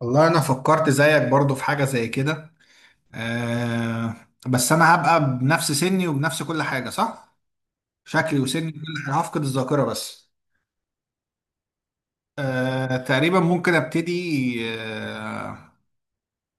والله انا فكرت زيك برضو في حاجة زي كده. آه. بس انا هبقى بنفس سني وبنفس كل حاجة، صح؟ شكلي وسني كل حاجة، هفقد الذاكرة بس. آه، تقريبا ممكن ابتدي. آه،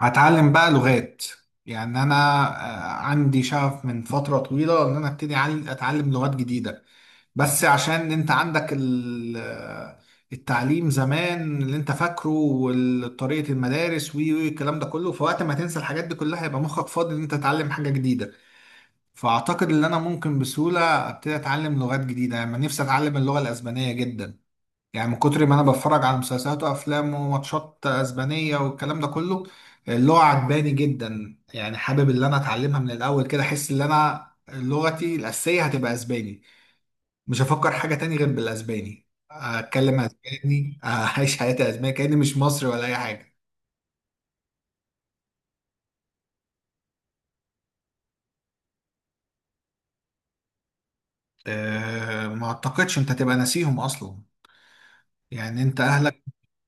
هتعلم بقى لغات. يعني انا، عندي شغف من فترة طويلة ان انا ابتدي اتعلم لغات جديدة. بس عشان انت عندك التعليم زمان اللي انت فاكره وطريقة المدارس وي وي الكلام ده كله، فوقت ما تنسى الحاجات دي كلها يبقى مخك فاضي ان انت تتعلم حاجة جديدة. فاعتقد ان انا ممكن بسهولة ابتدي اتعلم لغات جديدة. يعني نفسي اتعلم اللغة الاسبانية جدا، يعني من كتر ما انا بتفرج على مسلسلات وافلام وماتشات اسبانية والكلام ده كله. اللغة عجباني جدا، يعني حابب ان انا اتعلمها من الاول كده. احس ان انا لغتي الاساسية هتبقى اسباني، مش هفكر حاجة تاني غير بالاسباني، اتكلم اسباني، اعيش حياتي اسباني كأني مش مصري ولا اي حاجة. أه، ما اعتقدش. انت هتبقى ناسيهم اصلا. يعني انت اهلك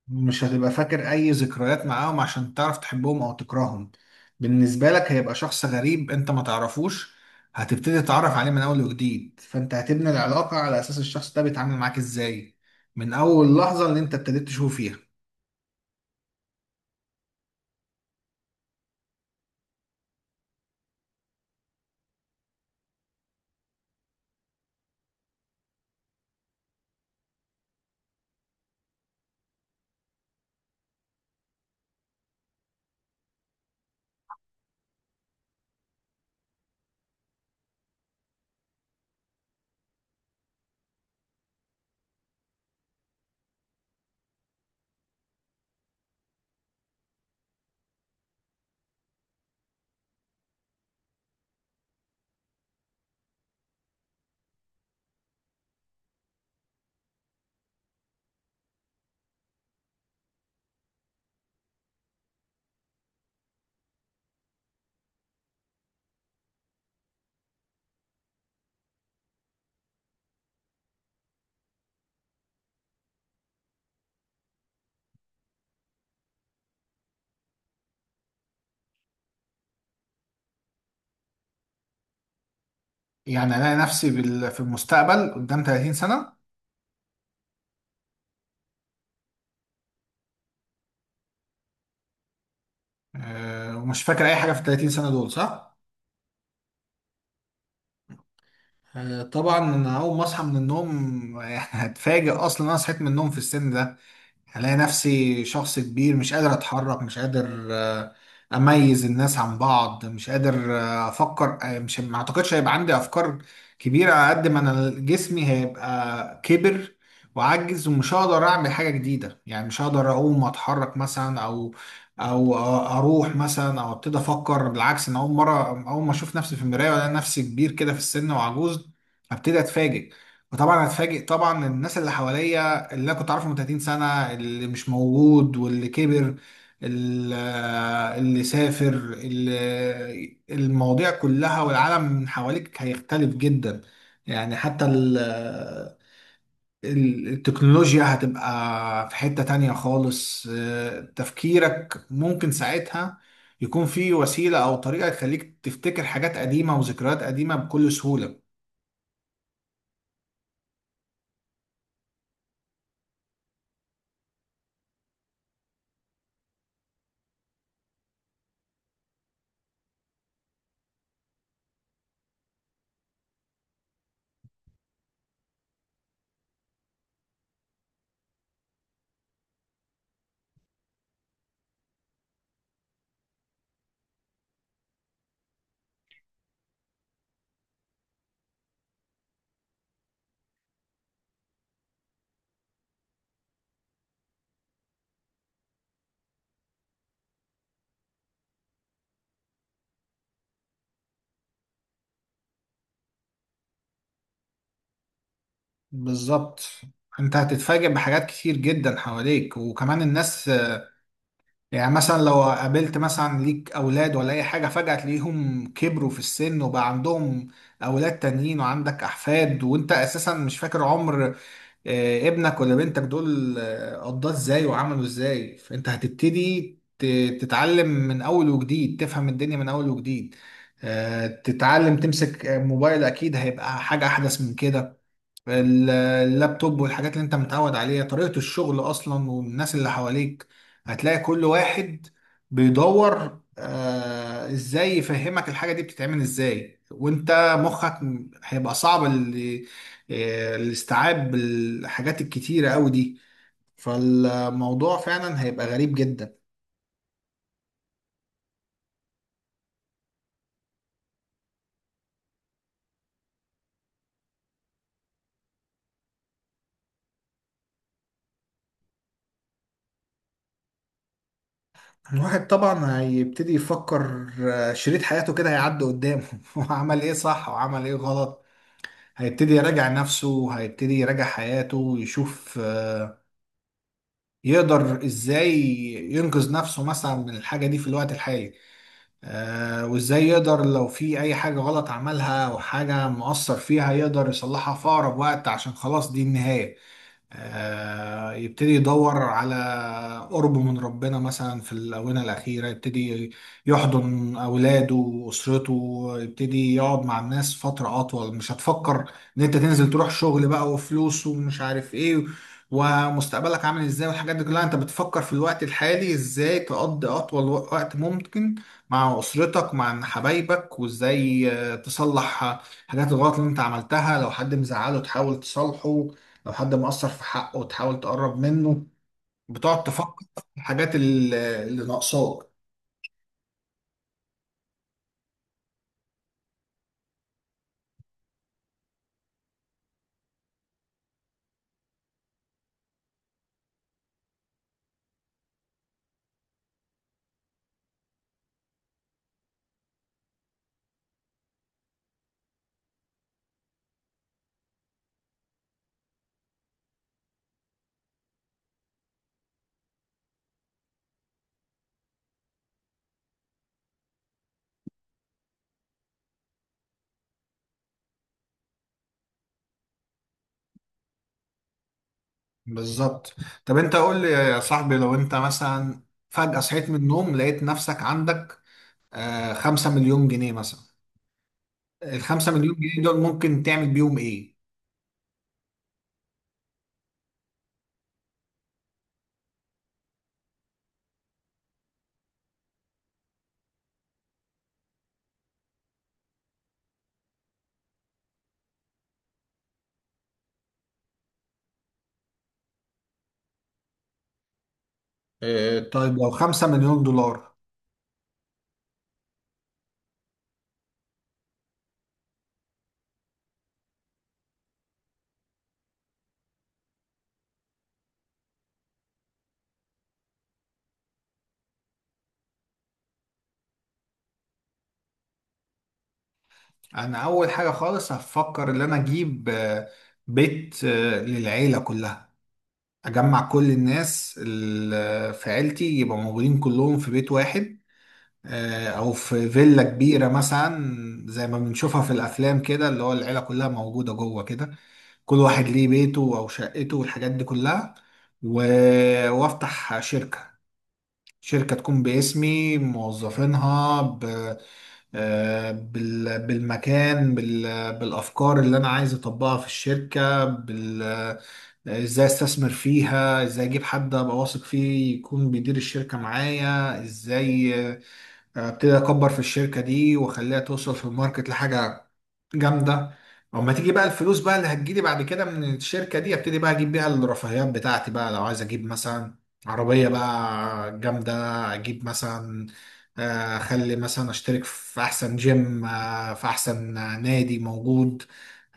مش هتبقى فاكر اي ذكريات معاهم عشان تعرف تحبهم او تكرههم. بالنسبة لك هيبقى شخص غريب انت ما تعرفوش، هتبتدي تتعرف عليه من اول وجديد، فانت هتبني العلاقة على اساس الشخص ده بيتعامل معاك ازاي من اول لحظة اللي انت ابتديت تشوفه فيها. يعني الاقي نفسي في المستقبل قدام 30 سنة. آه، ومش فاكر اي حاجه في ال 30 سنه دول، صح. آه، طبعا انا اول ما اصحى من النوم يعني هتفاجئ اصلا انا صحيت من النوم في السن ده. هلاقي نفسي شخص كبير، مش قادر اتحرك، مش قادر اميز الناس عن بعض، مش قادر افكر. آه، مش ما اعتقدش هيبقى عندي افكار كبيرة على قد ما انا جسمي هيبقى كبر وعجز، ومش هقدر اعمل حاجة جديدة. يعني مش هقدر اقوم اتحرك مثلا، او اروح مثلا، او ابتدي افكر. بالعكس، انا اول مرة اول ما اشوف نفسي في المراية والاقي نفسي كبير كده في السن وعجوز هبتدي اتفاجئ. وطبعا هتفاجئ طبعا الناس اللي حواليا اللي أنا كنت عارفه من 30 سنة، اللي مش موجود واللي كبر، ال- اللي سافر، المواضيع كلها. والعالم من حواليك هيختلف جدا، يعني حتى التكنولوجيا هتبقى في حتة تانية خالص. آه، تفكيرك ممكن ساعتها يكون في وسيلة أو طريقة تخليك تفتكر حاجات قديمة وذكريات قديمة بكل سهولة. بالظبط، انت هتتفاجئ بحاجات كتير جدا حواليك وكمان الناس. يعني مثلا لو قابلت مثلا ليك اولاد ولا اي حاجه، فجاه تلاقيهم كبروا في السن وبقى عندهم اولاد تانيين وعندك احفاد، وانت اساسا مش فاكر عمر ابنك ولا بنتك دول قضاه ازاي وعملوا ازاي. فانت هتبتدي تتعلم من اول وجديد، تفهم الدنيا من اول وجديد. تتعلم تمسك موبايل اكيد هيبقى حاجه احدث من كده، اللابتوب والحاجات اللي انت متعود عليها، طريقة الشغل اصلا والناس اللي حواليك. هتلاقي كل واحد بيدور آه ازاي يفهمك الحاجة دي بتتعمل ازاي، وانت مخك هيبقى صعب الاستيعاب بالحاجات الكتيرة قوي دي. فالموضوع فعلا هيبقى غريب جدا. الواحد طبعا هيبتدي يفكر، شريط حياته كده هيعدي قدامه وعمل ايه صح وعمل ايه غلط. هيبتدي يراجع نفسه، هيبتدي يراجع حياته، يشوف يقدر ازاي ينقذ نفسه مثلا من الحاجة دي في الوقت الحالي. آه، وازاي يقدر لو في اي حاجة غلط عملها او حاجة مؤثر فيها يقدر يصلحها في اقرب وقت عشان خلاص دي النهاية. آه، يبتدي يدور على قرب من ربنا مثلا في الآونة الأخيرة، يبتدي يحضن أولاده وأسرته، يبتدي يقعد مع الناس فترة أطول. مش هتفكر إن أنت تنزل تروح شغل بقى وفلوس ومش عارف إيه ومستقبلك عامل إزاي والحاجات دي كلها. أنت بتفكر في الوقت الحالي إزاي تقضي أطول وقت ممكن مع أسرتك مع حبايبك، وإزاي تصلح حاجات الغلط اللي أنت عملتها. لو حد مزعله تحاول تصالحه، لو حد مقصر في حقه وتحاول تقرب منه. بتقعد تفكر في الحاجات اللي ناقصاك. بالظبط. طب انت قول لي يا صاحبي، لو انت مثلا فجأة صحيت من النوم لقيت نفسك عندك خمسة مليون جنيه مثلا، الخمسة مليون جنيه دول ممكن تعمل بيهم ايه؟ آه، طيب لو خمسة مليون دولار؟ انا اول حاجة خالص هفكر ان انا اجيب بيت للعيلة كلها، اجمع كل الناس اللي في عيلتي يبقى موجودين كلهم في بيت واحد. آه، او في فيلا كبيره مثلا، زي ما بنشوفها في الافلام كده، اللي هو العيله كلها موجوده جوه كده، كل واحد ليه بيته او شقته والحاجات دي كلها. و... وافتح شركه، شركه تكون باسمي، موظفينها بالمكان، بالافكار اللي انا عايز اطبقها في الشركه، بال... آه، ازاي استثمر فيها، ازاي اجيب حد ابقى واثق فيه يكون بيدير الشركه معايا ازاي، ابتدي اكبر في الشركه دي واخليها توصل في الماركت لحاجه جامده. اما تيجي بقى الفلوس بقى اللي هتجيلي بعد كده من الشركه دي، ابتدي بقى اجيب بيها الرفاهيات بتاعتي بقى. لو عايز اجيب مثلا عربيه بقى جامده، اجيب مثلا اخلي مثلا اشترك في احسن جيم، في احسن نادي موجود.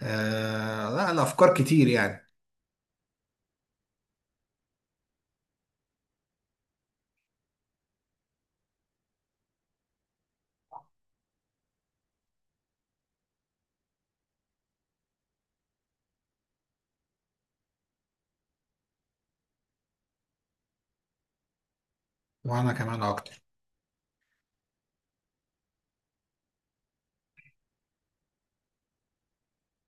آه، لا الافكار كتير يعني. وانا كمان اكتر.